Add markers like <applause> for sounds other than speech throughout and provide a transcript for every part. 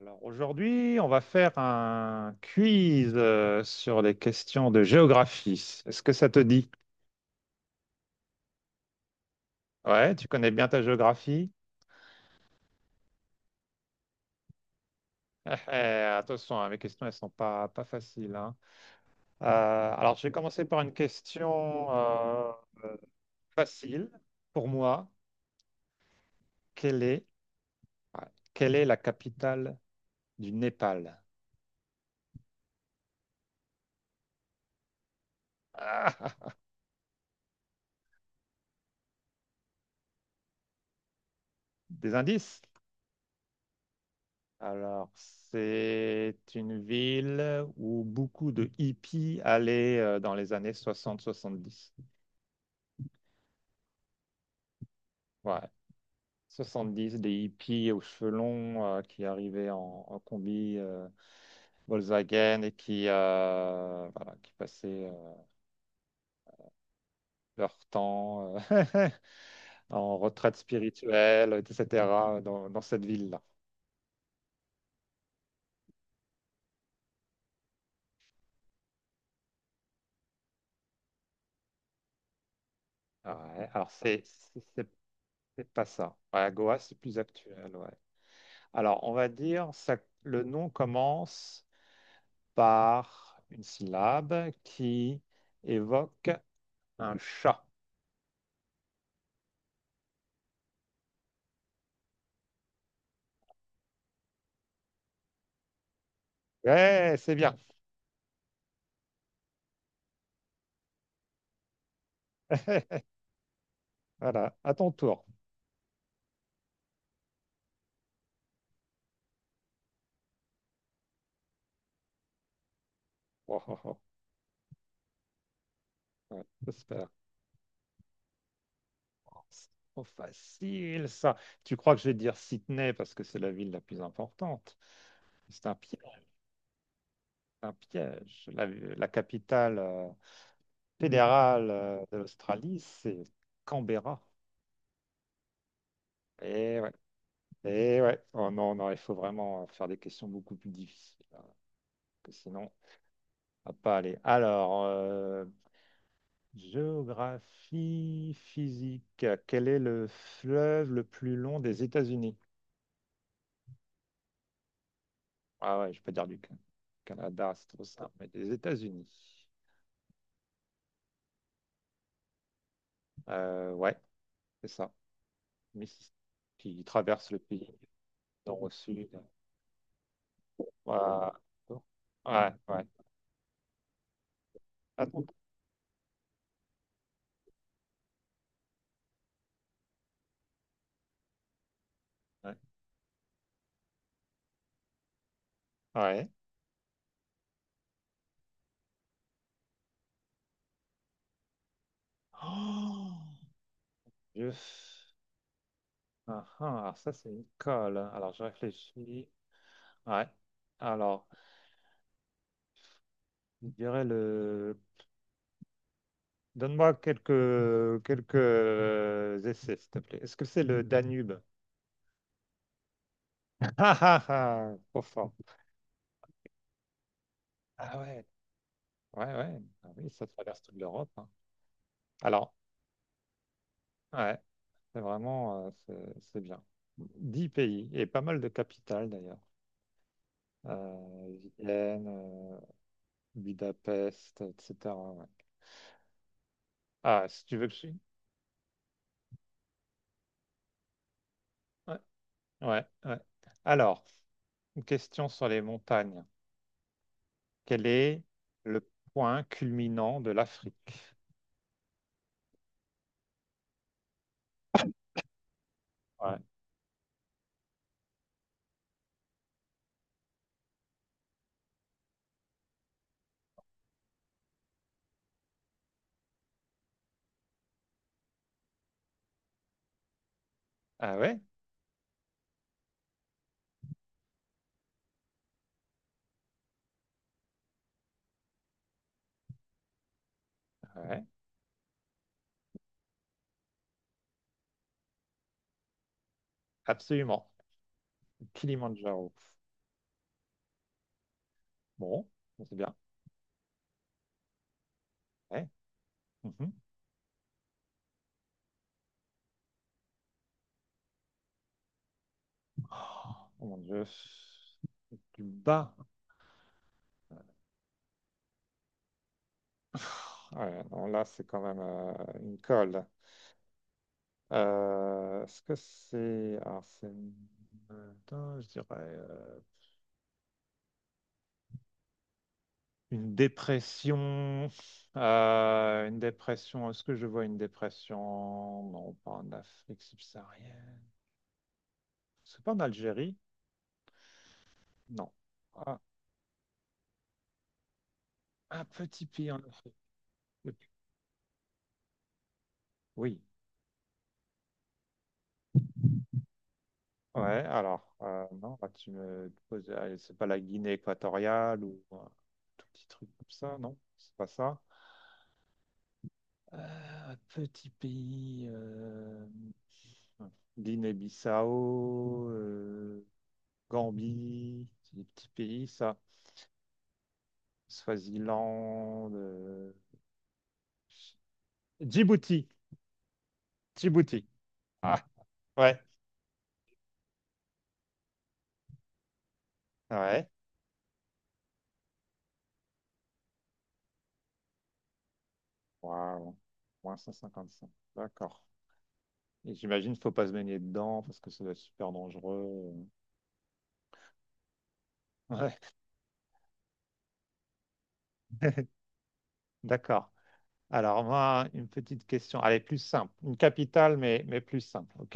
Alors aujourd'hui, on va faire un quiz sur les questions de géographie. Est-ce que ça te dit? Ouais, tu connais bien ta géographie? <laughs> Attention, hein, mes questions, elles sont pas faciles. Hein. Euh, alors, je vais commencer par une question euh, facile pour moi. Quelle est, ouais, Quelle est la capitale du Népal? Ah, des indices? Alors, c'est une ville où beaucoup de hippies allaient dans les années soixante soixante-dix. Ouais, soixante-dix, des hippies aux cheveux longs qui arrivaient en combi Volkswagen et qui, voilà, qui passaient leur temps <laughs> en retraite spirituelle, etc., dans cette ville-là. Ouais, alors, c'est pas ça. Ouais, Goa, c'est plus actuel, ouais. Alors, on va dire, ça, le nom commence par une syllabe qui évoque un chat. Ouais, c'est bien. <laughs> Voilà, à ton tour. <laughs> Oh, oh, oh. Ouais, j'espère. Oh, c'est trop facile, ça. Tu crois que je vais dire Sydney parce que c'est la ville la plus importante. C'est un piège, un piège. La capitale fédérale de l'Australie, c'est Canberra. Et ouais, et ouais. Oh non, non, il faut vraiment faire des questions beaucoup plus difficiles, hein, parce que sinon... Ah pas aller. Alors, géographie physique. Quel est le fleuve le plus long des États-Unis? Ah ouais, je peux dire Canada, c'est trop simple, mais des États-Unis. Ouais, c'est ça. Mississippi, qui traverse le pays du nord au sud. Voilà. Ouais, ouais. Attends. Ouais. Ouais. Oh, je... Ah, ah, alors ça, c'est une colle. Alors, je réfléchis. Ouais. Alors, je dirais le... Donne-moi quelques essais, s'il te plaît. Est-ce que c'est le Danube? <laughs> Ah ah ah, trop fort. Ah ouais, ouais, ouais. Ah oui, ça traverse toute l'Europe, hein. Alors, ouais, c'est vraiment, c'est bien. Dix pays et pas mal de capitales d'ailleurs. Vienne, Budapest, etc., ouais. Ah, si tu veux que je... Ouais, ouais, ouais. Alors, une question sur les montagnes. Quel est le point culminant de l'Afrique? Ouais. Ah ouais, ah ouais, absolument. Kilimandjaro. Bon, c'est bien. Ouais. Mhm. Oh mon Dieu, du bas. Ouais, non, là, c'est quand même une colle. Est-ce que c'est... Alors, c'est... Attends, je dirais une dépression. Une dépression. Est-ce que je vois une dépression? Non, pas en Afrique subsaharienne. C'est pas en Algérie? Non. Ah, un petit pays en Afrique. Oui. Ouais, alors, non, là, tu me poses... allez, c'est pas la Guinée équatoriale ou un tout petit truc comme ça, non? C'est pas ça. Petit pays, Guinée-Bissau, Gambie, c'est des petits pays, ça. Swaziland, Djibouti. Djibouti. Ah, ouais, ouais. Waouh, moins cent cinquante cinq. D'accord. Et j'imagine qu'il ne faut pas se baigner dedans parce que ça doit être super dangereux. Ouais, d'accord. Alors, moi, une petite question. Allez, plus simple. Une capitale, mais plus simple. OK?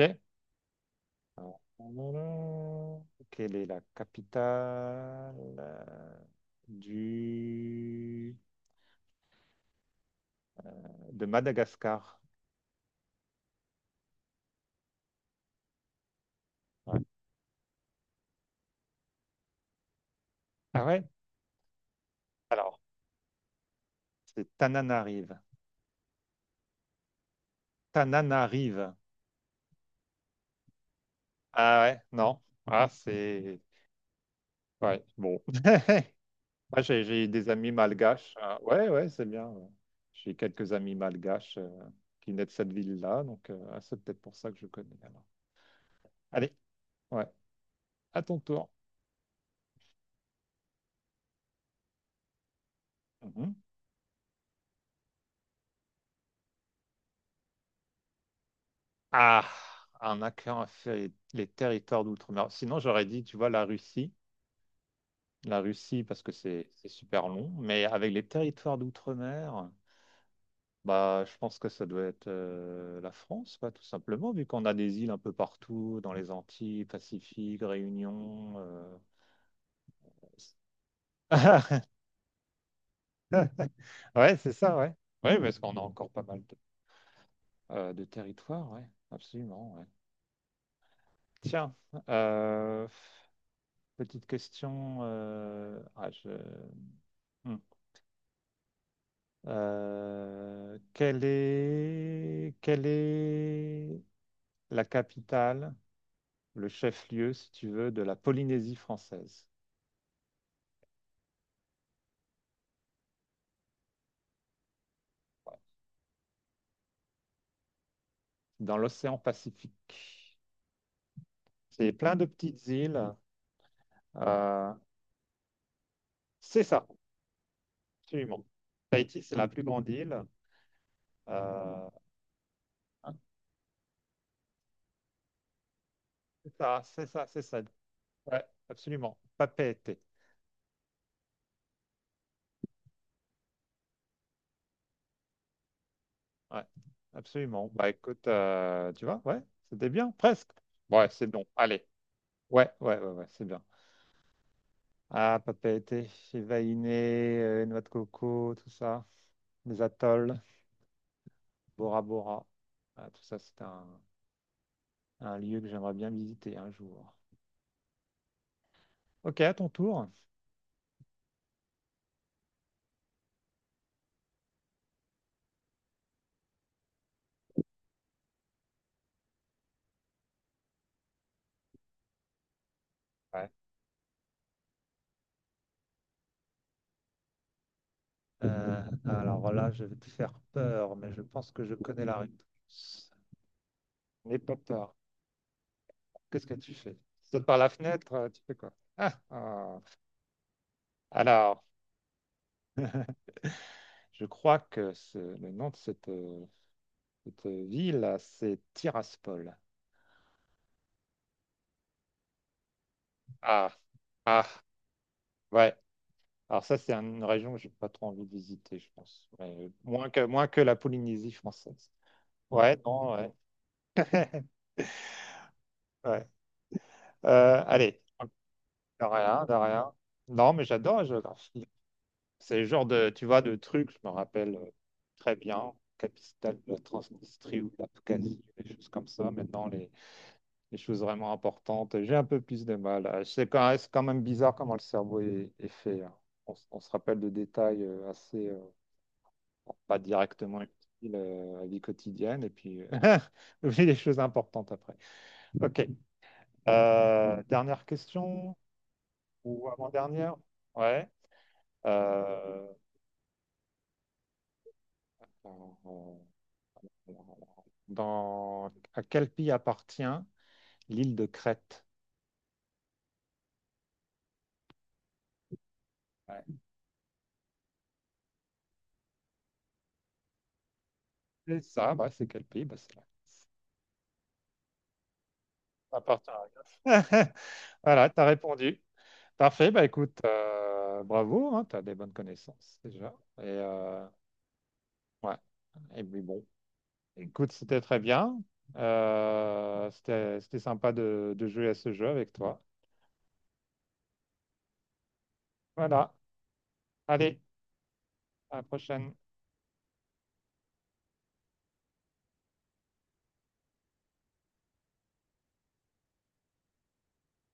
Alors, quelle est la capitale du... de Madagascar? Ouais. Ah ouais? Alors, c'est Tananarive. Tananarive. Ah ouais? Non. Ah, c'est... Ouais, bon. Moi, j'ai des amis malgaches. Ah, ouais, ouais, c'est bien, ouais. J'ai quelques amis malgaches qui naissent de cette ville-là, donc ah, c'est peut-être pour ça que je connais, alors. Allez, ouais. À ton tour. Mhm. Ah, un accord a fait les territoires d'outre-mer. Sinon, j'aurais dit, tu vois, la Russie. La Russie, parce que c'est super long. Mais avec les territoires d'outre-mer, bah, je pense que ça doit être la France, quoi, tout simplement, vu qu'on a des îles un peu partout, dans les Antilles, Pacifique, Réunion. <laughs> Ouais, c'est ça, ouais. Oui, parce qu'on a encore pas mal de territoires, ouais. Absolument, ouais. Tiens, euh, petite question. Ah, je... Hmm. Quelle est... quelle est la capitale, le chef-lieu, si tu veux, de la Polynésie française, ouais, dans l'océan Pacifique? C'est plein de petites îles. euh, c'est ça, absolument. Tahiti, c'est la plus grande île. euh, hein, c'est ça, c'est ça, c'est ça. Ouais, absolument. Papeete. Ouais, absolument. Bah écoute, tu vois, ouais, c'était bien, presque. Ouais, c'est bon. Allez. Ouais, ouais, ouais, ouais, c'est bien. Ah, Papeete, Chivaïné, noix de coco, tout ça, les atolls, Bora Bora. Ah, tout ça, c'est un lieu que j'aimerais bien visiter un jour. Ok, à ton tour. Ouais. Euh, alors là, je vais te faire peur, mais je pense que je connais la réponse. N'aie pas peur. Qu'est-ce que tu fais? Tu sautes par la fenêtre, tu fais quoi? Ah, ah. Alors, je crois que le nom de cette, cette ville, là, c'est Tiraspol. Ah, ah, ouais. Alors ça, c'est une région que j'ai pas trop envie de visiter, je pense. Mais, moins que la Polynésie française. Ouais, non, ouais, ouais. Allez, de rien, de rien. Non, mais j'adore la géographie. C'est le genre de, tu vois, de trucs, je me rappelle très bien, capitale de la Transnistrie ou de l'Abkhazie, des choses comme ça. Maintenant, les choses vraiment importantes. J'ai un peu plus de mal, hein. C'est quand même bizarre comment le cerveau est fait, hein. On se rappelle de détails bon, pas directement utiles à la vie quotidienne, et puis <laughs> on oublie les choses importantes après. Ok. Dernière question ou avant-dernière? Ouais. Euh, dans, à quel pays appartient l'île de Crète? Ouais. C'est ça, bah, c'est quel pays? Bah, c'est là. À part paragraphe. <laughs> Voilà, tu as répondu. Parfait, bah écoute, bravo, tu as des bonnes connaissances déjà. Et, ouais. Et puis bon, écoute, c'était très bien. C'était sympa de jouer à ce jeu avec toi. Voilà, allez, à la prochaine.